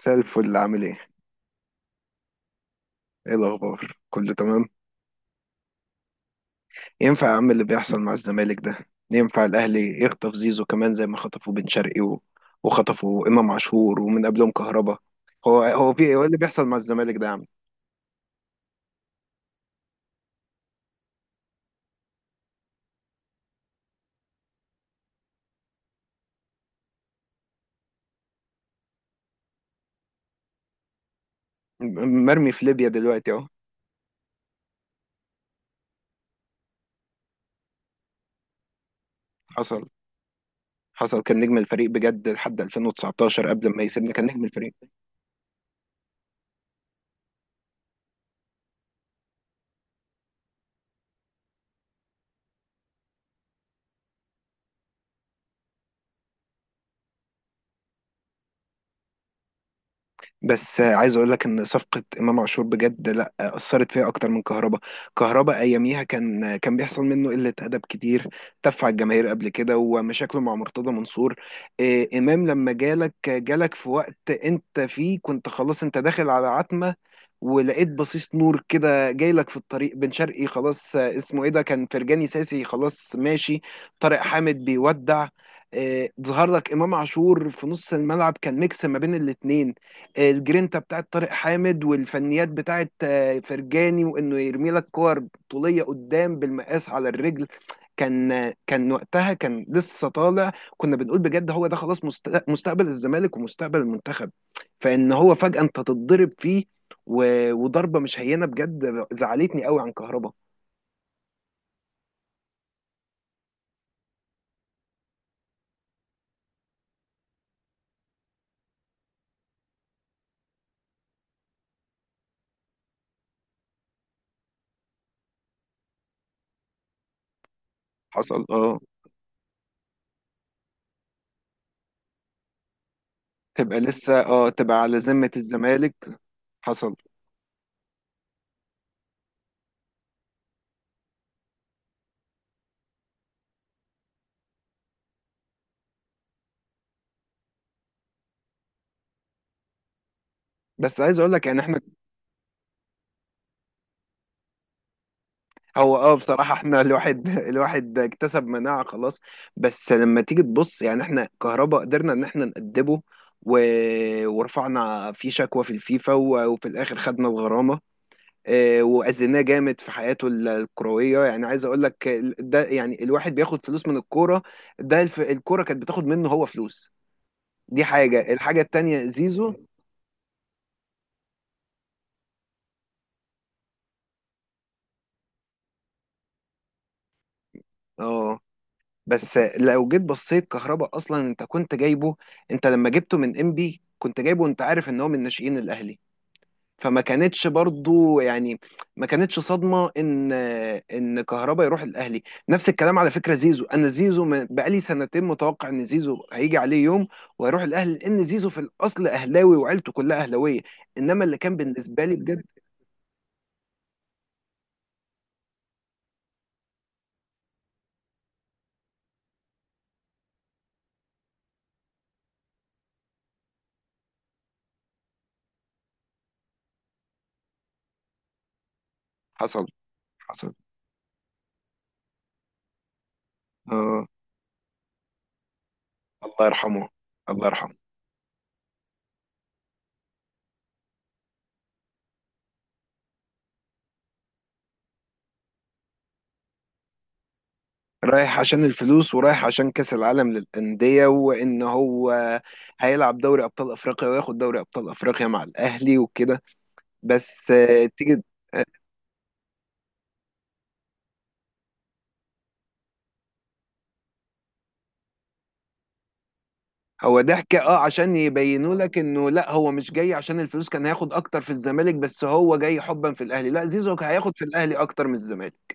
مساء الفل عامل ايه؟ ايه الأخبار؟ كله تمام؟ ينفع يا عم اللي بيحصل مع الزمالك ده؟ ينفع الأهلي يخطف زيزو كمان زي ما خطفوا بن شرقي وخطفوا إمام عاشور ومن قبلهم كهربا. هو هو في ايه هو إيه اللي بيحصل مع الزمالك ده يا عم؟ مرمي في ليبيا دلوقتي اهو. حصل. حصل، كان نجم الفريق بجد لحد 2019، قبل ما يسيبنا كان نجم الفريق. بس عايز اقول لك ان صفقه امام عاشور بجد، لا اثرت فيها اكتر من كهربا. كهربا اياميها كان بيحصل منه قله ادب كتير، تف على الجماهير قبل كده، ومشاكله مع مرتضى منصور. امام لما جالك في وقت انت فيه كنت خلاص، انت داخل على عتمه، ولقيت بصيص نور كده جاي لك في الطريق. بن شرقي خلاص، اسمه ايه ده، كان فرجاني ساسي خلاص ماشي، طارق حامد بيودع. ظهر لك امام عاشور في نص الملعب، كان ميكس ما بين الاتنين، الجرينتا بتاعت طارق حامد والفنيات بتاعت فرجاني، وانه يرمي لك كور طوليه قدام بالمقاس على الرجل. كان وقتها كان لسه طالع، كنا بنقول بجد هو ده خلاص، مستقبل الزمالك ومستقبل المنتخب. فان هو فجاه انت تتضرب فيه، وضربه مش هينه بجد، زعلتني قوي عن كهربا. حصل، اه. تبقى لسه اه تبقى على ذمه الزمالك. حصل. بس عايز اقول لك يعني احنا، هو اه بصراحة احنا الواحد الواحد اكتسب مناعة خلاص. بس لما تيجي تبص يعني احنا كهربا قدرنا ان احنا نأدبه، و... ورفعنا فيه شكوى في الفيفا، وفي الاخر خدنا الغرامة، اه، وأذيناه جامد في حياته الكروية. يعني عايز اقول لك ده، يعني الواحد بياخد فلوس من الكورة، ده الكورة كانت بتاخد منه هو فلوس. دي حاجة. الحاجة التانية زيزو، اه. بس لو جيت بصيت كهربا اصلا انت كنت جايبه، انت لما جبته من انبي كنت جايبه، انت عارف ان هو من ناشئين الاهلي، فما كانتش برضو يعني، ما كانتش صدمة ان، ان كهربا يروح الاهلي. نفس الكلام على فكرة زيزو، انا زيزو بقالي سنتين متوقع ان زيزو هيجي عليه يوم وهيروح الاهلي، لان زيزو في الاصل اهلاوي وعيلته كلها اهلاوية. انما اللي كان بالنسبة لي بجد، حصل. حصل، اه. الله يرحمه. الله يرحمه. رايح عشان الفلوس، ورايح عشان كأس العالم للأندية، وإن هو هيلعب دوري أبطال أفريقيا وياخد دوري أبطال أفريقيا مع الأهلي وكده. بس تيجي. آه، هو ضحك، اه، عشان يبينوا لك انه لا هو مش جاي عشان الفلوس، كان هياخد اكتر في الزمالك بس هو جاي حبا في الاهلي. لا، زيزو هياخد في الاهلي اكتر من الزمالك.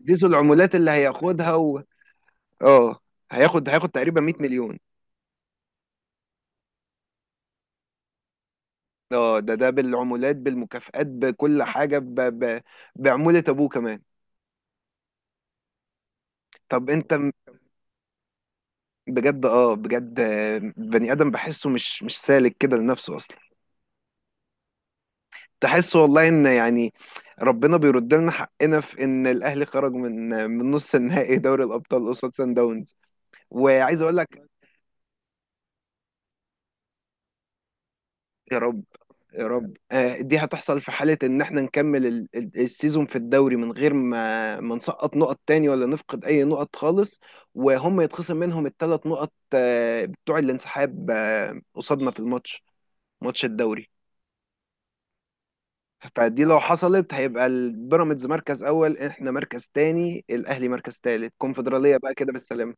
زيزو العمولات اللي هياخدها اه، هياخد تقريبا 100 مليون. اه، ده بالعمولات بالمكافآت بكل حاجة، بعمولة ابوه كمان. طب انت بجد، اه بجد، بني ادم بحسه مش سالك كده لنفسه اصلا. تحس والله ان يعني ربنا بيرد لنا حقنا في ان الاهلي خرج من نص النهائي دوري الابطال قصاد سان داونز. وعايز اقول لك، يا رب. يا رب دي هتحصل في حاله ان احنا نكمل السيزون في الدوري، من غير ما نسقط نقط تاني، ولا نفقد اي نقط خالص، وهم يتخصم منهم الثلاث نقط بتوع الانسحاب قصادنا في الماتش، ماتش الدوري. فدي لو حصلت هيبقى البيراميدز مركز اول، احنا مركز تاني، الاهلي مركز تالت، كونفدراليه بقى كده بالسلامه.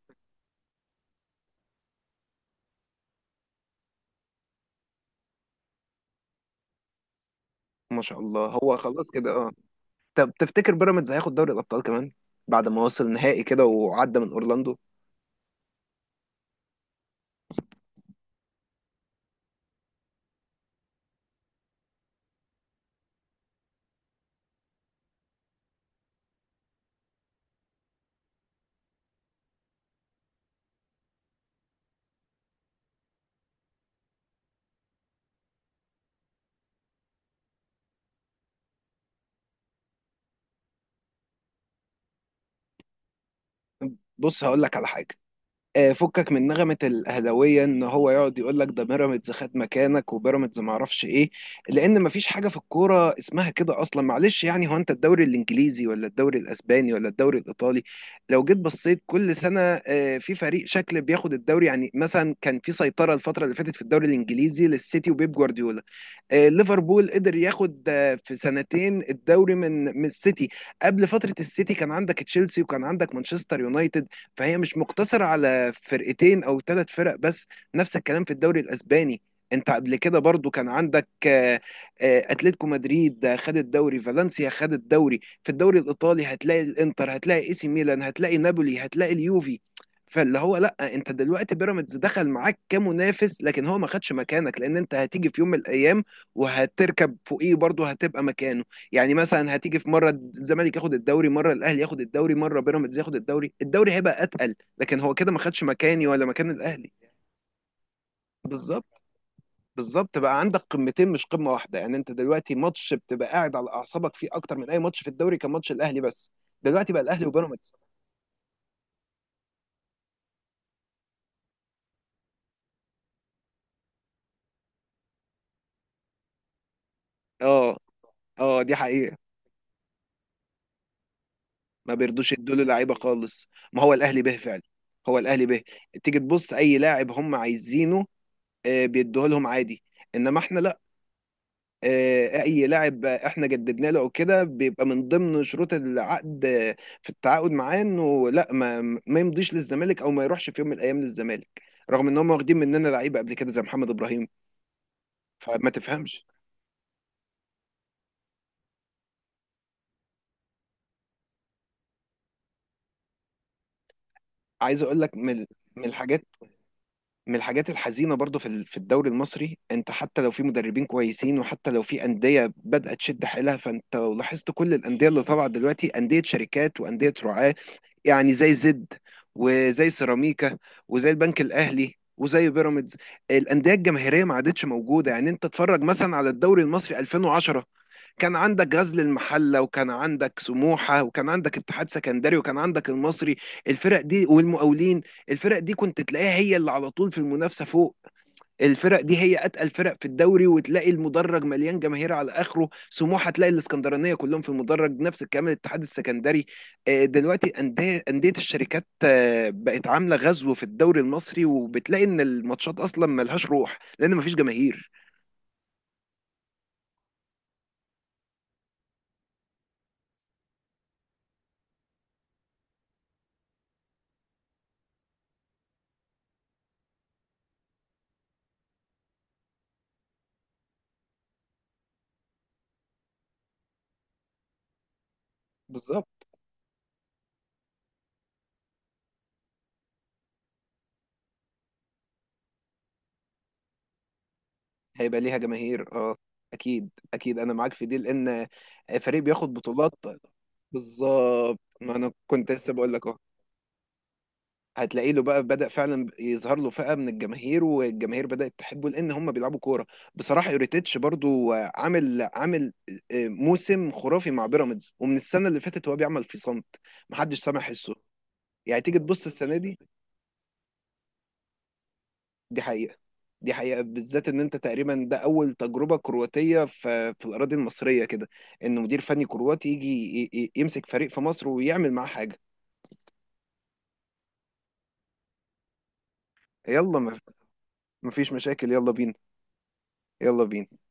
ما شاء الله هو خلاص كده، اه. طب تفتكر بيراميدز هياخد دوري الابطال كمان بعد ما وصل نهائي كده وعدى من اورلاندو؟ بص هقول لك على حاجه، فكك من نغمة الأهلاوية، إن هو يقعد يقول لك ده بيراميدز خد مكانك، وبيراميدز ما اعرفش إيه، لأن مفيش حاجة في الكورة اسمها كده أصلا. معلش يعني، هو أنت الدوري الإنجليزي ولا الدوري الأسباني ولا الدوري الإيطالي لو جيت بصيت كل سنة في فريق شكل بياخد الدوري. يعني مثلا كان في سيطرة الفترة اللي فاتت في الدوري الإنجليزي للسيتي وبيب جوارديولا، ليفربول قدر ياخد في سنتين الدوري من السيتي. قبل فترة السيتي كان عندك تشيلسي، وكان عندك مانشستر يونايتد، فهي مش مقتصرة على فرقتين او ثلاث فرق بس. نفس الكلام في الدوري الاسباني، انت قبل كده برضو كان عندك اتلتيكو مدريد خد الدوري، فالنسيا خد الدوري. في الدوري الايطالي هتلاقي الانتر، هتلاقي اي سي ميلان، هتلاقي نابولي، هتلاقي اليوفي. فاللي هو لا، انت دلوقتي بيراميدز دخل معاك كمنافس، لكن هو ما خدش مكانك، لان انت هتيجي في يوم من الايام وهتركب فوقيه برضه، هتبقى مكانه. يعني مثلا هتيجي في مره الزمالك ياخد الدوري، مره الاهلي ياخد الدوري، مره بيراميدز ياخد الدوري، الدوري هيبقى اتقل، لكن هو كده ما خدش مكاني ولا مكان الاهلي. بالظبط. بالظبط، بقى عندك قمتين مش قمه واحده. يعني انت دلوقتي ماتش بتبقى قاعد على اعصابك فيه اكتر من اي ماتش، في الدوري كان ماتش الاهلي بس، دلوقتي بقى الاهلي وبيراميدز. اه. اه دي حقيقه. ما بيرضوش يدوا له لعيبه خالص، ما هو الاهلي به فعلا. هو الاهلي به. تيجي تبص اي لاعب هم عايزينه بيدوه لهم عادي. انما احنا لا. اي لاعب احنا جددنا له او كده، بيبقى من ضمن شروط العقد في التعاقد معاه، انه لا ما ما يمضيش للزمالك، او ما يروحش في يوم من الايام للزمالك، رغم ان هم واخدين مننا لعيبه قبل كده زي محمد ابراهيم. فما تفهمش. عايز اقول لك من، من الحاجات، من الحاجات الحزينه برضو في في الدوري المصري، انت حتى لو في مدربين كويسين، وحتى لو في انديه بدات تشد حيلها، فانت لو لاحظت كل الانديه اللي طالعه دلوقتي انديه شركات وانديه رعاه، يعني زي زد، وزي سيراميكا، وزي البنك الاهلي، وزي بيراميدز. الانديه الجماهيريه ما عادتش موجوده. يعني انت تتفرج مثلا على الدوري المصري 2010، كان عندك غزل المحله، وكان عندك سموحه، وكان عندك اتحاد سكندري، وكان عندك المصري، الفرق دي والمقاولين، الفرق دي كنت تلاقيها هي اللي على طول في المنافسه فوق. الفرق دي هي اتقل فرق في الدوري، وتلاقي المدرج مليان جماهير على اخره، سموحه تلاقي الاسكندرانيه كلهم في المدرج، نفس الكلام الاتحاد السكندري. دلوقتي انديه، انديه الشركات بقت عامله غزو في الدوري المصري، وبتلاقي ان الماتشات اصلا ملهاش روح لان مفيش جماهير. بالظبط. هيبقى ليها جماهير اه. اكيد، اكيد، انا معاك في دي، لان فريق بياخد بطولات. بالظبط، ما انا كنت لسه بقول لك، هتلاقي له بقى بدأ فعلا يظهر له فئة من الجماهير، والجماهير بدأت تحبه لأن هم بيلعبوا كورة. بصراحة يوريتيتش برضو عامل، عامل موسم خرافي مع بيراميدز، ومن السنة اللي فاتت هو بيعمل في صمت محدش سامع حسه. يعني تيجي تبص السنة دي، دي حقيقة. دي حقيقة، بالذات إن أنت تقريبا ده أول تجربة كرواتية في الأراضي المصرية كده، إن مدير فني كرواتي يجي يمسك فريق في مصر ويعمل معاه حاجة. يلا مفيش مشاكل، يلا بينا. يلا بينا.